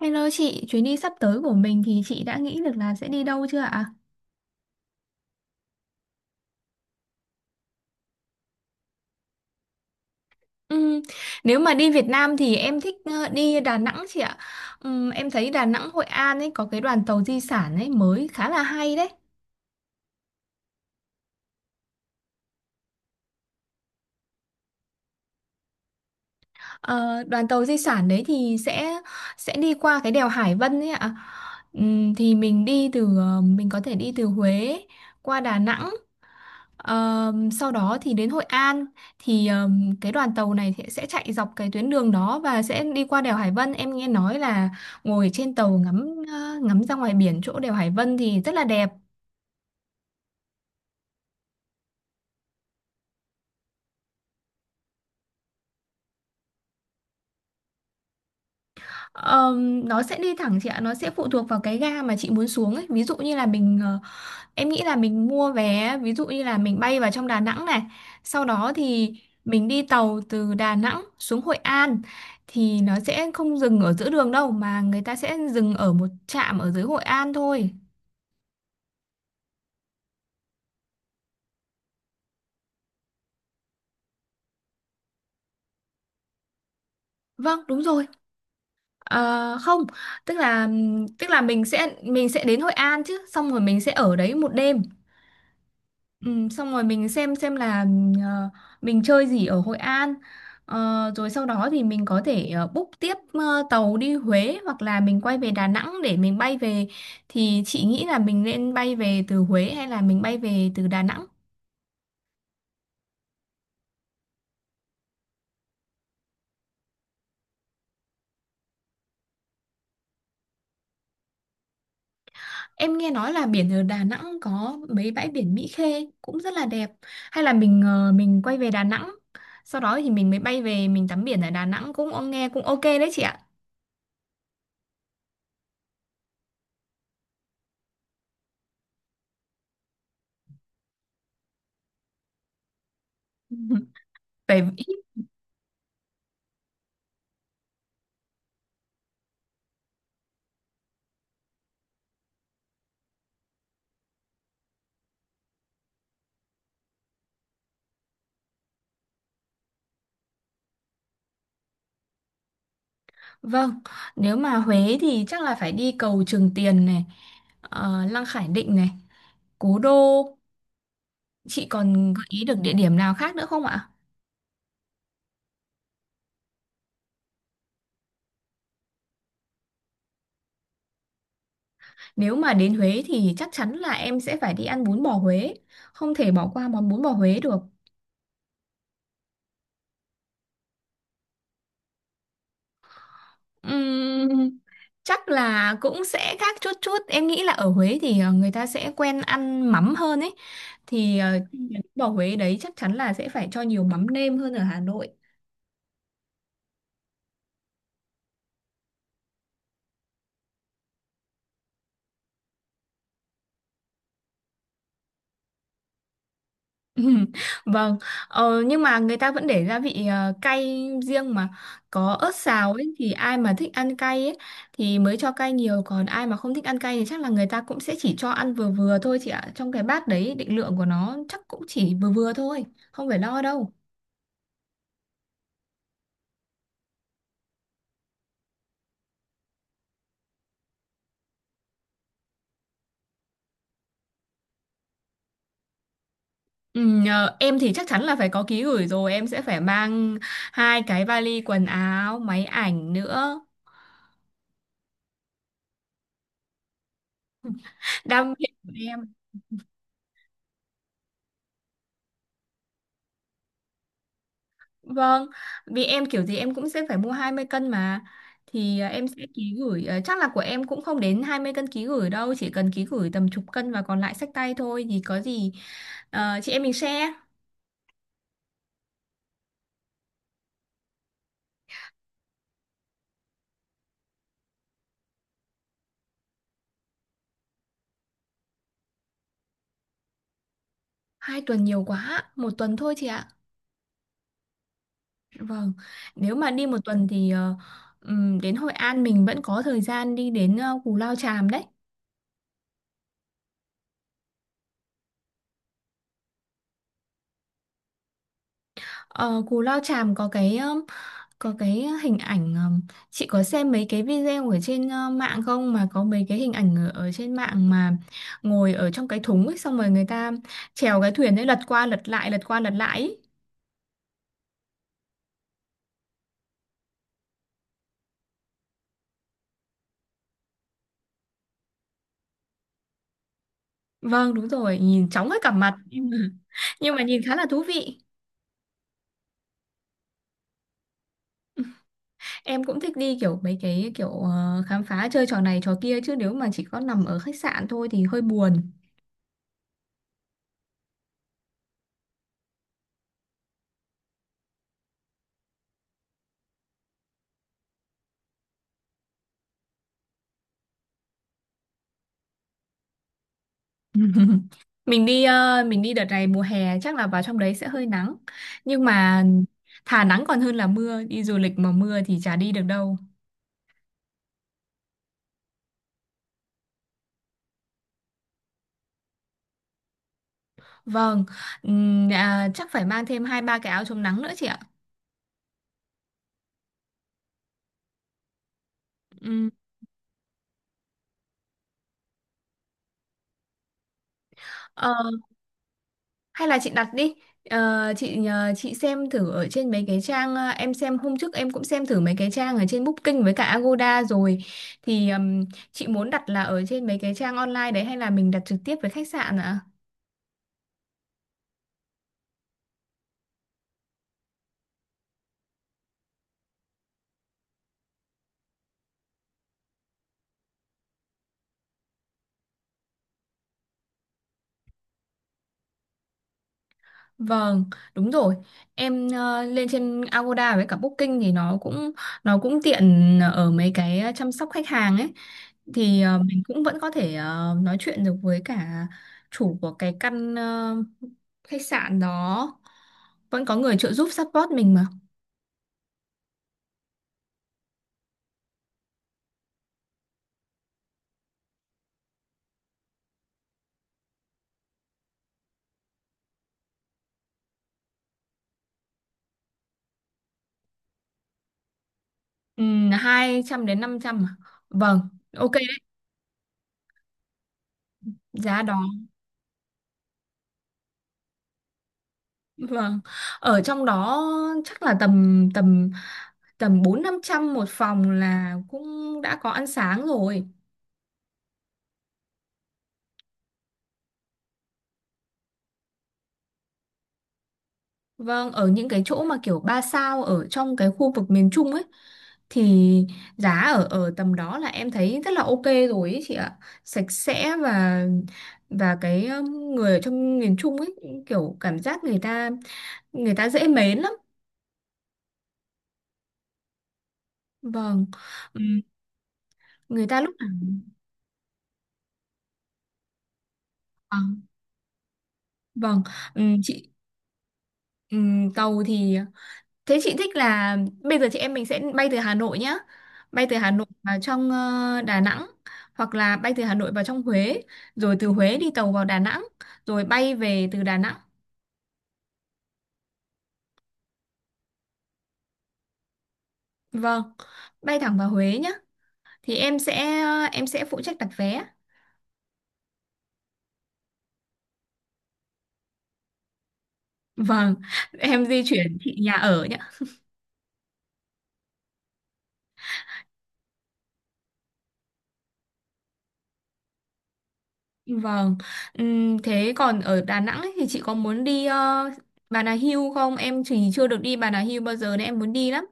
Hello chị, chuyến đi sắp tới của mình thì chị đã nghĩ được là sẽ đi đâu chưa ạ? Ừ, nếu mà đi Việt Nam thì em thích đi Đà Nẵng chị ạ. Em thấy Đà Nẵng Hội An ấy có cái đoàn tàu di sản ấy mới khá là hay đấy. Ờ, Đoàn tàu di sản đấy thì sẽ đi qua cái đèo Hải Vân ấy ạ. Thì mình có thể đi từ Huế qua Đà Nẵng. Sau đó thì đến Hội An, thì cái đoàn tàu này thì sẽ chạy dọc cái tuyến đường đó và sẽ đi qua đèo Hải Vân. Em nghe nói là ngồi trên tàu ngắm ra ngoài biển chỗ đèo Hải Vân thì rất là đẹp. Nó sẽ đi thẳng chị ạ, nó sẽ phụ thuộc vào cái ga mà chị muốn xuống ấy. Ví dụ như là mình ờ, Em nghĩ là mình mua vé, ví dụ như là mình bay vào trong Đà Nẵng này, sau đó thì mình đi tàu từ Đà Nẵng xuống Hội An thì nó sẽ không dừng ở giữa đường đâu mà người ta sẽ dừng ở một trạm ở dưới Hội An thôi. Vâng, đúng rồi. Không, tức là tức là mình sẽ đến Hội An chứ, xong rồi mình sẽ ở đấy một đêm. Ừ, xong rồi mình xem là ờ, mình chơi gì ở Hội An. Rồi sau đó thì mình có thể book tiếp tàu đi Huế hoặc là mình quay về Đà Nẵng để mình bay về, thì chị nghĩ là mình nên bay về từ Huế hay là mình bay về từ Đà Nẵng? Em nghe nói là biển ở Đà Nẵng có mấy bãi biển Mỹ Khê cũng rất là đẹp, hay là mình quay về Đà Nẵng sau đó thì mình mới bay về, mình tắm biển ở Đà Nẵng cũng ông nghe cũng ok đấy chị ạ. Phải. Vâng, nếu mà Huế thì chắc là phải đi cầu Trường Tiền này, Lăng Khải Định này, Cố Đô. Chị còn gợi ý được địa điểm nào khác nữa không ạ? Nếu mà đến Huế thì chắc chắn là em sẽ phải đi ăn bún bò Huế. Không thể bỏ qua món bún bò Huế được. Ừm, Chắc là cũng sẽ khác chút chút. Em nghĩ là ở Huế thì người ta sẽ quen ăn mắm hơn ấy. Thì Ừ. Bún bò Huế đấy chắc chắn là sẽ phải cho nhiều mắm nêm hơn ở Hà Nội. Ừm, Vâng, nhưng mà người ta vẫn để gia vị cay riêng mà, có ớt xào ấy thì ai mà thích ăn cay ấy thì mới cho cay nhiều, còn ai mà không thích ăn cay thì chắc là người ta cũng sẽ chỉ cho ăn vừa vừa thôi chị ạ. Trong cái bát đấy định lượng của nó chắc cũng chỉ vừa vừa thôi, không phải lo đâu. Ừ, em thì chắc chắn là phải có ký gửi rồi, em sẽ phải mang hai cái vali quần áo, máy ảnh nữa. Đam mê của em. Vâng, vì em kiểu gì em cũng sẽ phải mua 20 cân mà. Thì em sẽ ký gửi, chắc là của em cũng không đến 20 cân ký gửi đâu, chỉ cần ký gửi tầm chục cân và còn lại xách tay thôi thì có gì chị em mình share. 2 tuần nhiều quá, một tuần thôi chị ạ. Vâng, nếu mà đi một tuần thì đến Hội An mình vẫn có thời gian đi đến Cù Lao Chàm đấy. Ờ, Cù Lao Chàm có cái hình ảnh. Chị có xem mấy cái video ở trên mạng không, mà có mấy cái hình ảnh ở trên mạng mà ngồi ở trong cái thúng ấy xong rồi người ta chèo cái thuyền ấy lật qua lật lại lật qua lật lại ấy. Vâng đúng rồi, nhìn chóng hết cả mặt nhưng mà nhưng mà nhìn khá là thú vị. Em cũng thích đi kiểu mấy cái kiểu khám phá chơi trò này trò kia, chứ nếu mà chỉ có nằm ở khách sạn thôi thì hơi buồn. Mình đi đợt này mùa hè chắc là vào trong đấy sẽ hơi nắng, nhưng mà thà nắng còn hơn là mưa, đi du lịch mà mưa thì chả đi được đâu. Vâng, chắc phải mang thêm hai ba cái áo chống nắng nữa chị ạ. Ừm, ờ, Hay là chị đặt đi. Chị nhờ chị xem thử ở trên mấy cái trang em xem hôm trước, em cũng xem thử mấy cái trang ở trên Booking với cả Agoda rồi, thì chị muốn đặt là ở trên mấy cái trang online đấy hay là mình đặt trực tiếp với khách sạn ạ? Vâng, đúng rồi. Em lên trên Agoda với cả Booking thì nó cũng tiện ở mấy cái chăm sóc khách hàng ấy. Thì mình cũng vẫn có thể nói chuyện được với cả chủ của cái căn khách sạn đó. Vẫn có người trợ giúp support mình mà. 200 đến 500 à? Vâng, ok đấy, giá đó. Vâng. Ở trong đó chắc là tầm tầm tầm bốn năm trăm một phòng là cũng đã có ăn sáng rồi. Vâng, ở những cái chỗ mà kiểu 3 sao ở trong cái khu vực miền Trung ấy thì giá ở ở tầm đó là em thấy rất là ok rồi ấy chị ạ. Sạch sẽ, và cái người ở trong miền Trung ấy kiểu cảm giác người ta dễ mến lắm. Vâng. Ừm, Người ta lúc nào vâng, vâng. Chị tàu thì thế chị thích là bây giờ chị em mình sẽ bay từ Hà Nội nhá. Bay từ Hà Nội vào trong Đà Nẵng, hoặc là bay từ Hà Nội vào trong Huế, rồi từ Huế đi tàu vào Đà Nẵng, rồi bay về từ Đà Nẵng. Vâng, bay thẳng vào Huế nhá. Thì em sẽ phụ trách đặt vé. Vâng, em di chuyển chị nhà ở nhá. Vâng. Thế còn ở Đà Nẵng ấy, thì chị có muốn đi Bà Nà Hills không? Em chỉ chưa được đi Bà Nà Hills bao giờ nên em muốn đi lắm.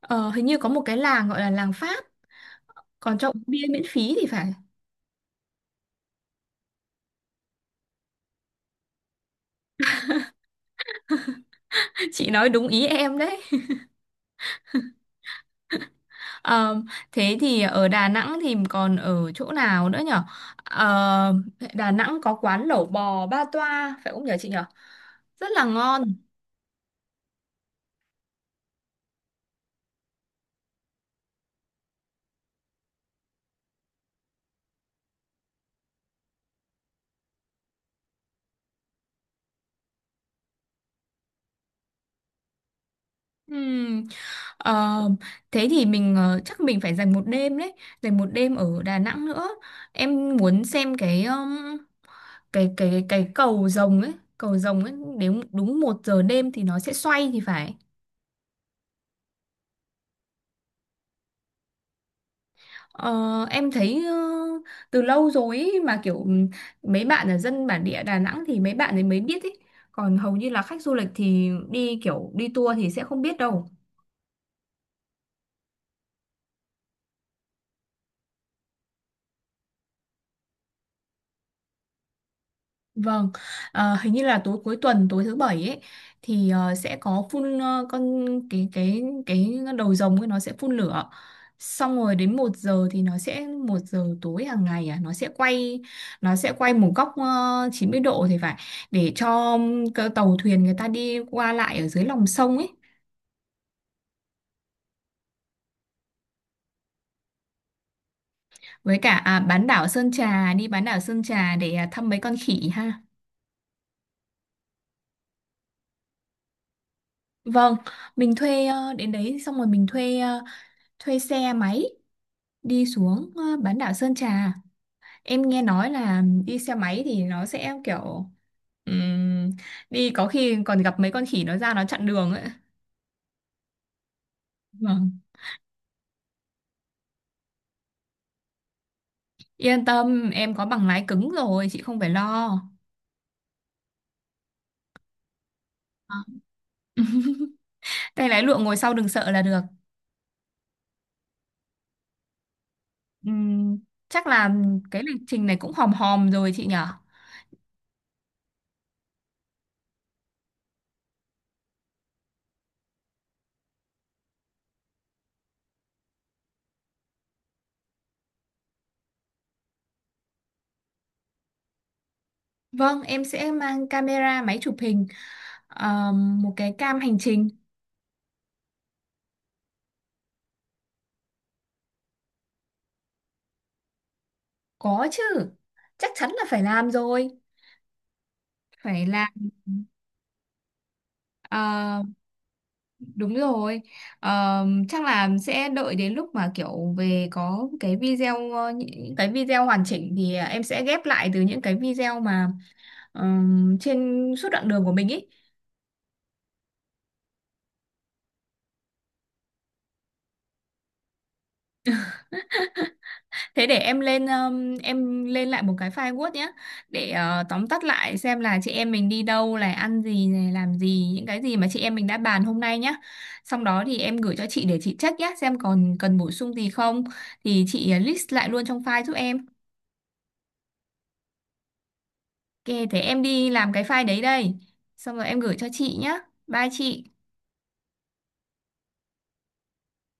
Ờ, hình như có một cái làng gọi là làng Pháp còn cho uống bia miễn phí thì phải. Chị nói đúng ý em đấy. Ờ, Thế thì ở Đà Nẵng thì còn ở chỗ nào nữa nhở? Ờ, Đà Nẵng có quán lẩu bò Ba Toa phải không nhở chị nhở, rất là ngon. Ừm, ờ, Thế thì chắc mình phải dành một đêm đấy, dành một đêm ở Đà Nẵng nữa. Em muốn xem cái cái cầu rồng ấy, cầu rồng ấy đến đúng 1 giờ đêm thì nó sẽ xoay thì phải. Ờ, em thấy từ lâu rồi ý, mà kiểu mấy bạn ở dân bản địa Đà Nẵng thì mấy bạn ấy mới biết ý. Còn hầu như là khách du lịch thì đi kiểu đi tour thì sẽ không biết đâu. Vâng, hình như là tối cuối tuần tối thứ bảy ấy thì sẽ có phun ờ, con cái đầu rồng ấy nó sẽ phun lửa. Xong rồi đến 1 giờ thì nó sẽ 1 giờ tối hàng ngày à, nó sẽ quay một góc 90 độ thì phải, để cho cái tàu thuyền người ta đi qua lại ở dưới lòng sông ấy. Với cả bán đảo Sơn Trà đi bán đảo Sơn Trà để thăm mấy con khỉ ha. Vâng, đến đấy xong rồi mình thuê xe máy đi xuống bán đảo Sơn Trà. Em nghe nói là đi xe máy thì nó sẽ kiểu ừm, đi có khi còn gặp mấy con khỉ nó ra nó chặn đường ấy. Vâng, yên tâm em có bằng lái cứng rồi chị không phải lo. Ờ. Tay lái lụa ngồi sau đừng sợ là được. Ừm, Chắc là cái lịch trình này cũng hòm hòm rồi chị nhở. Vâng, em sẽ mang camera, máy chụp hình, một cái cam hành trình. Có chứ, chắc chắn là phải làm rồi, phải làm. Ờ, Đúng rồi, chắc là sẽ đợi đến lúc mà kiểu về có những cái video hoàn chỉnh thì em sẽ ghép lại từ những cái video mà trên suốt đoạn đường của mình ý. Thế để em lên lại một cái file Word nhé, để tóm tắt lại xem là chị em mình đi đâu, là ăn gì, này làm gì, những cái gì mà chị em mình đã bàn hôm nay nhé. Xong đó thì em gửi cho chị để chị check nhé, xem còn cần bổ sung gì không thì chị list lại luôn trong file giúp em. Ok, thế em đi làm cái file đấy đây. Xong rồi em gửi cho chị nhá. Bye chị.